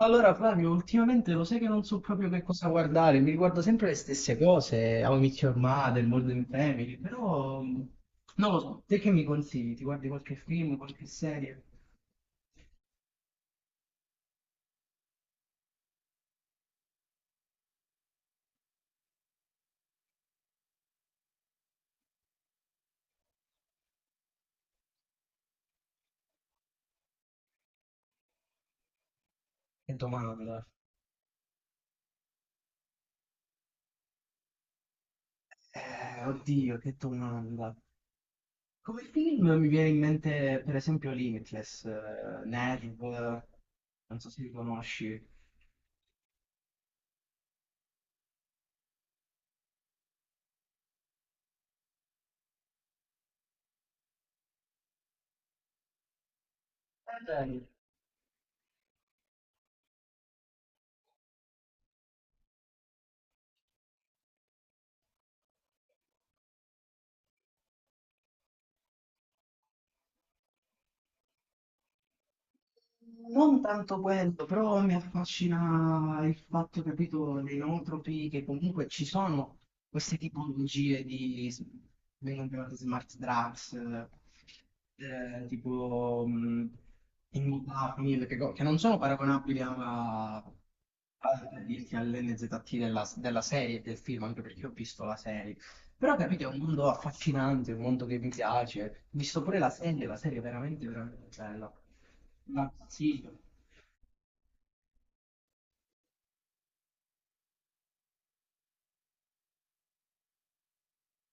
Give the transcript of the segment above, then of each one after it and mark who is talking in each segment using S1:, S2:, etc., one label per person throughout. S1: Allora, Flavio, ultimamente lo sai che non so proprio che cosa guardare, mi riguardo sempre le stesse cose, How I Met Your Mother, Modern Family, però non lo so, te che mi consigli? Ti guardi qualche film, qualche serie? Che domanda. Oddio, che domanda. Come film mi viene in mente per esempio Limitless, Nerve, non so se li conosci. Eh, non tanto quello, però mi affascina il fatto, capito, dei nootropy, che comunque ci sono queste tipologie vengono chiamate smart drugs, tipo immodafinil, che non sono paragonabili a, per dirti all'NZT della serie, del film, anche perché ho visto la serie. Però capite, è un mondo affascinante, un mondo che mi piace. Ho visto pure la serie è veramente, veramente bella. La consiglio.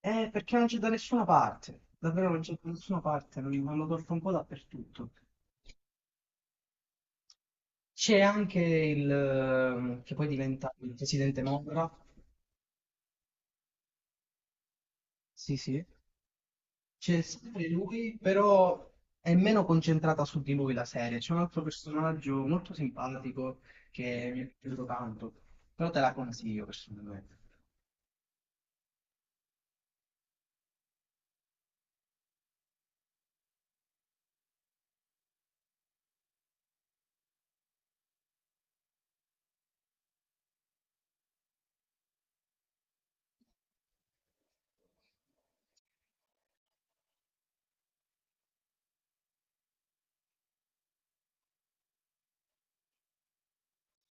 S1: Perché non c'è da nessuna parte. Davvero non c'è da nessuna parte, non lo trovo un po' dappertutto. C'è anche che poi diventa il presidente Morra. Sì, sì. C'è sempre lui, però è meno concentrata su di lui la serie. C'è un altro personaggio molto simpatico che mi è piaciuto tanto. Però te la consiglio personalmente.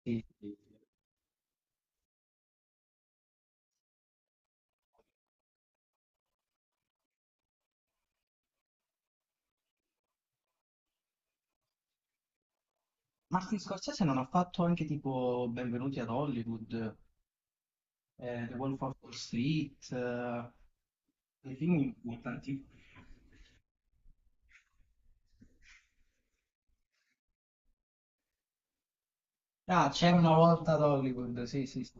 S1: Sì, sì, sì. Martin Scorsese non ha fatto anche tipo Benvenuti ad Hollywood, The Wolf of Wall Street, dei film importanti. Ah, c'era una volta ad Hollywood, sì, sì, sì.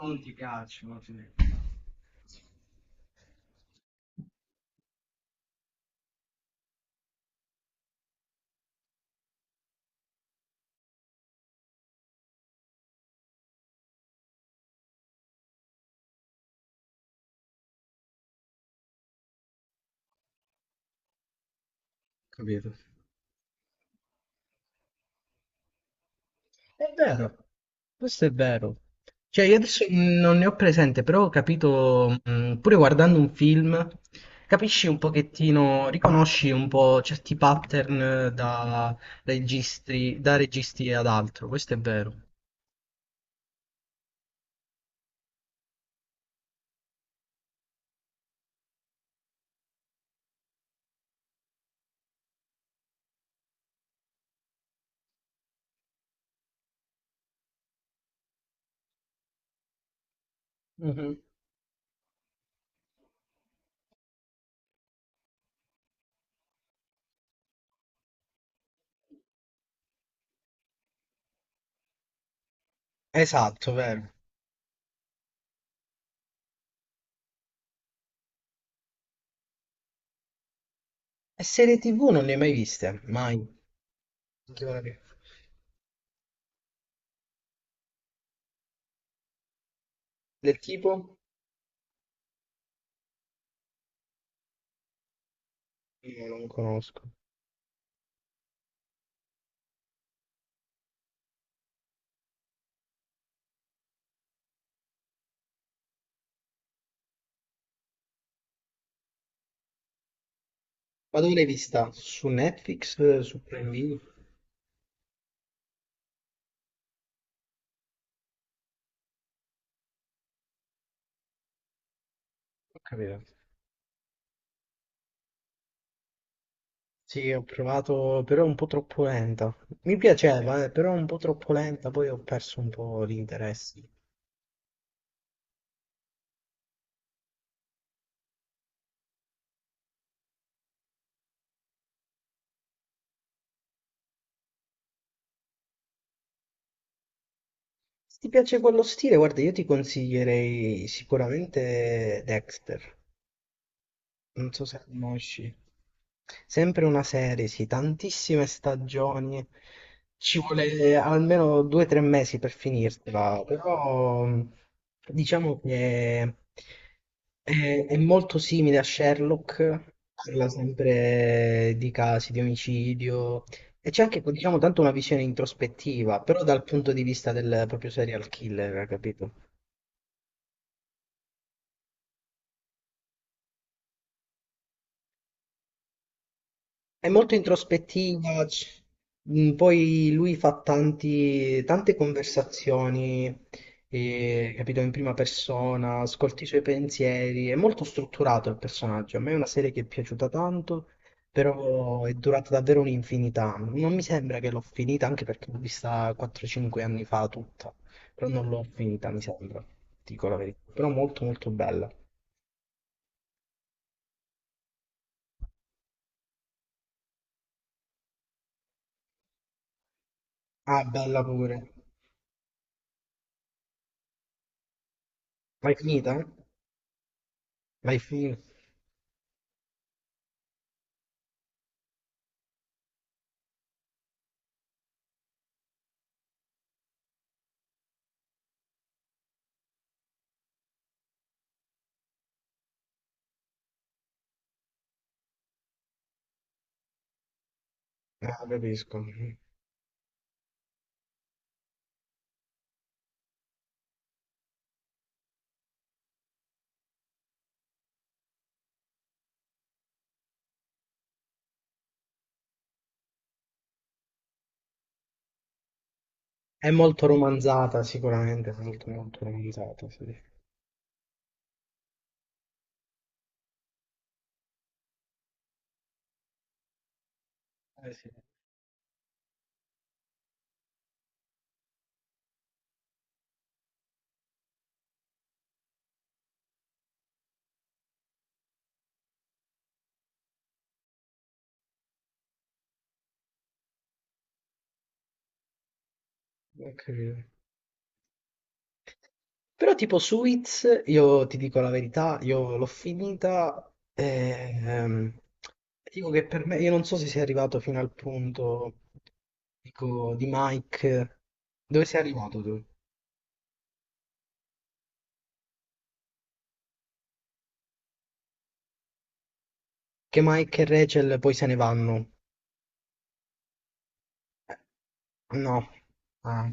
S1: Non ti piacciono, sì. Capito? È vero, questo è vero. Cioè, io adesso non ne ho presente, però ho capito, pure guardando un film, capisci un pochettino, riconosci un po' certi pattern da registri, da registi ad altro, questo è vero. Mhm. Esatto, vero. E serie TV non ne hai mai viste? Mai. Non ti vorrei- Del tipo? Io non conosco. Ma dove l'hai vista? Su Netflix? Su Prime Video? Ho capito. Sì, ho provato, però è un po' troppo lenta. Mi piaceva, però è un po' troppo lenta, poi ho perso un po' l'interesse. Se ti piace quello stile, guarda, io ti consiglierei sicuramente Dexter. Non so se la conosci. Sempre una serie, sì, tantissime stagioni. Ci vuole almeno 2 o 3 mesi per finirtela, però diciamo che è molto simile a Sherlock, parla sempre di casi di omicidio e c'è anche, diciamo, tanto una visione introspettiva, però dal punto di vista del proprio serial killer, capito? È molto introspettiva, poi lui fa tante conversazioni, capito, in prima persona, ascolti i suoi pensieri, è molto strutturato il personaggio. A me è una serie che è piaciuta tanto, però è durata davvero un'infinità. Non mi sembra che l'ho finita, anche perché l'ho vista 4-5 anni fa tutta, però non l'ho finita, mi sembra, dico la verità. Però molto molto bella. Ah, bella pure. L'hai finita? L'hai finita? Ah, capisco. È molto romanzata, sicuramente, molto, molto romanzata, sì. Eh sì, ho capito. Però tipo Suits, io ti dico la verità, io l'ho finita e ehm, dico che per me, io non so se sei arrivato fino al punto, dico, di Mike, dove sei arrivato tu? Che Mike e Rachel poi se ne vanno. No. Ah,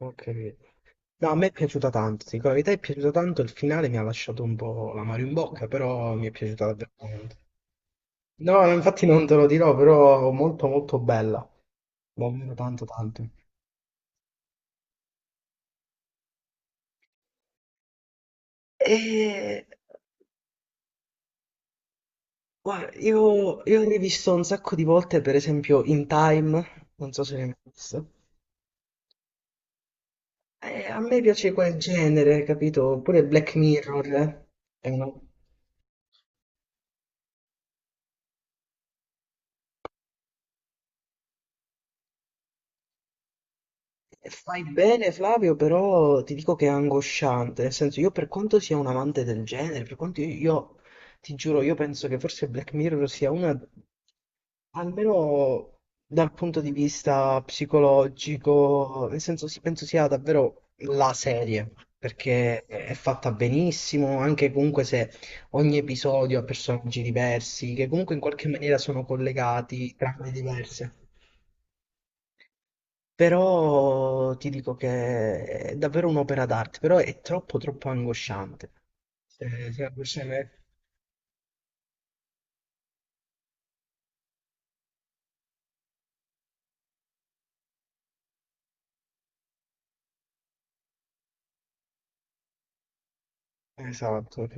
S1: ok. No, a me è piaciuta tanto, ti dico la verità, è piaciuta tanto, il finale mi ha lasciato un po' l'amaro in bocca, però mi è piaciuta davvero tanto. No, no, infatti non te lo dirò, però molto molto bella, davvero tanto tanto. E guarda, io ho rivisto un sacco di volte, per esempio In Time, non so se l'hai mai visto. A me piace quel genere, capito? Pure Black Mirror, è una... Fai bene Flavio, però ti dico che è angosciante, nel senso io per quanto sia un amante del genere, per quanto ti giuro, io penso che forse Black Mirror sia una, almeno dal punto di vista psicologico, nel senso sì, penso sia davvero la serie, perché è fatta benissimo, anche comunque se ogni episodio ha personaggi diversi, che comunque in qualche maniera sono collegati, trame diverse. Però ti dico che è davvero un'opera d'arte, però è troppo troppo angosciante. Sì, angosciante. Esatto.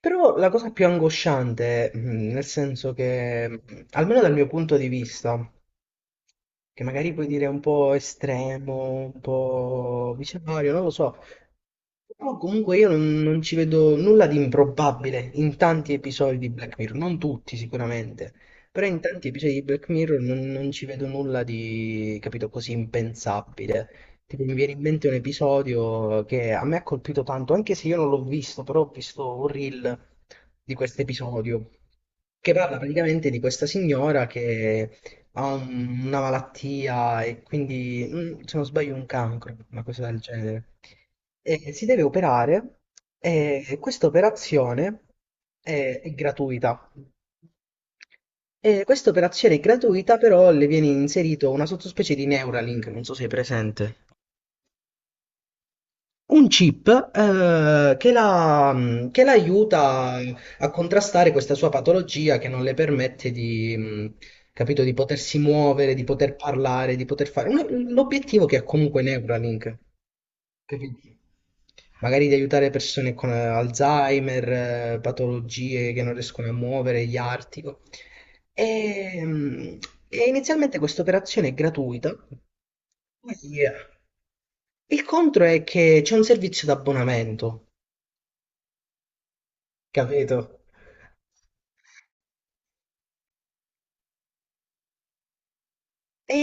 S1: Però la cosa più angosciante, nel senso che, almeno dal mio punto di vista, che magari puoi dire è un po' estremo, un po' visionario, non lo so. Però comunque io non ci vedo nulla di improbabile in tanti episodi di Black Mirror, non tutti sicuramente, però in tanti episodi di Black Mirror non ci vedo nulla di, capito, così impensabile. Tipo, mi viene in mente un episodio che a me ha colpito tanto, anche se io non l'ho visto, però ho visto un reel di questo episodio che parla praticamente di questa signora che ha una malattia e quindi, se non sbaglio, un cancro, una cosa del genere. E si deve operare e questa operazione è gratuita. E questa operazione è gratuita, però le viene inserito una sottospecie di Neuralink, non so se è presente. Un chip che la aiuta a contrastare questa sua patologia che non le permette, capito, di potersi muovere, di poter parlare, di poter fare. L'obiettivo che ha comunque Neuralink, capito? Magari di aiutare persone con Alzheimer, patologie che non riescono a muovere, gli artico. E, mh, e inizialmente questa operazione è gratuita. Poi, il contro è che c'è un servizio d'abbonamento. Capito? E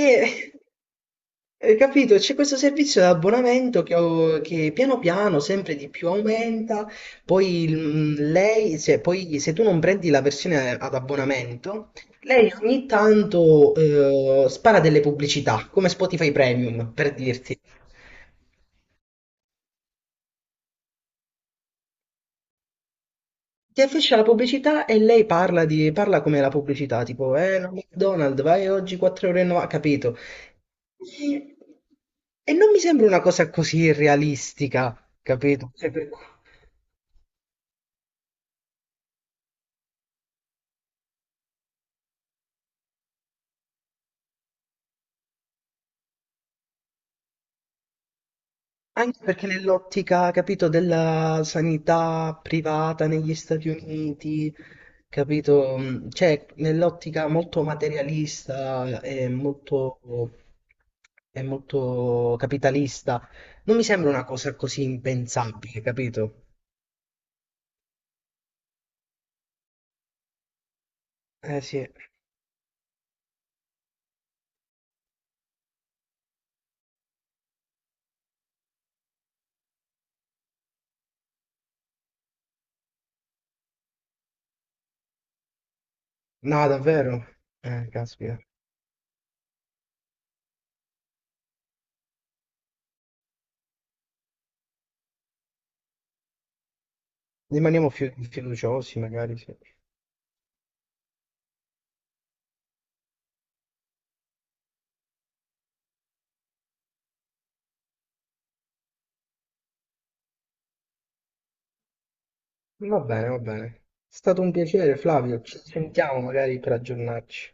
S1: hai capito? C'è questo servizio di abbonamento che piano piano sempre di più aumenta, poi il- mm, lei, se, poi se tu non prendi la versione ad abbonamento, lei ogni tanto spara delle pubblicità, come Spotify Premium, per dirti. Ti affiscia la pubblicità e lei parla come la pubblicità, tipo, no, McDonald's, vai oggi 4,90 euro, e novanta, capito? E non mi sembra una cosa così irrealistica, capito? Cioè, anche perché nell'ottica, capito, della sanità privata negli Stati Uniti, capito? Cioè, nell'ottica molto materialista e molto, capitalista, non mi sembra una cosa così impensabile, capito? Eh sì, no, davvero. Caspita. Rimaniamo fiduciosi, magari, sì. Va bene, va bene. È stato un piacere, Flavio. Ci sentiamo magari per aggiornarci.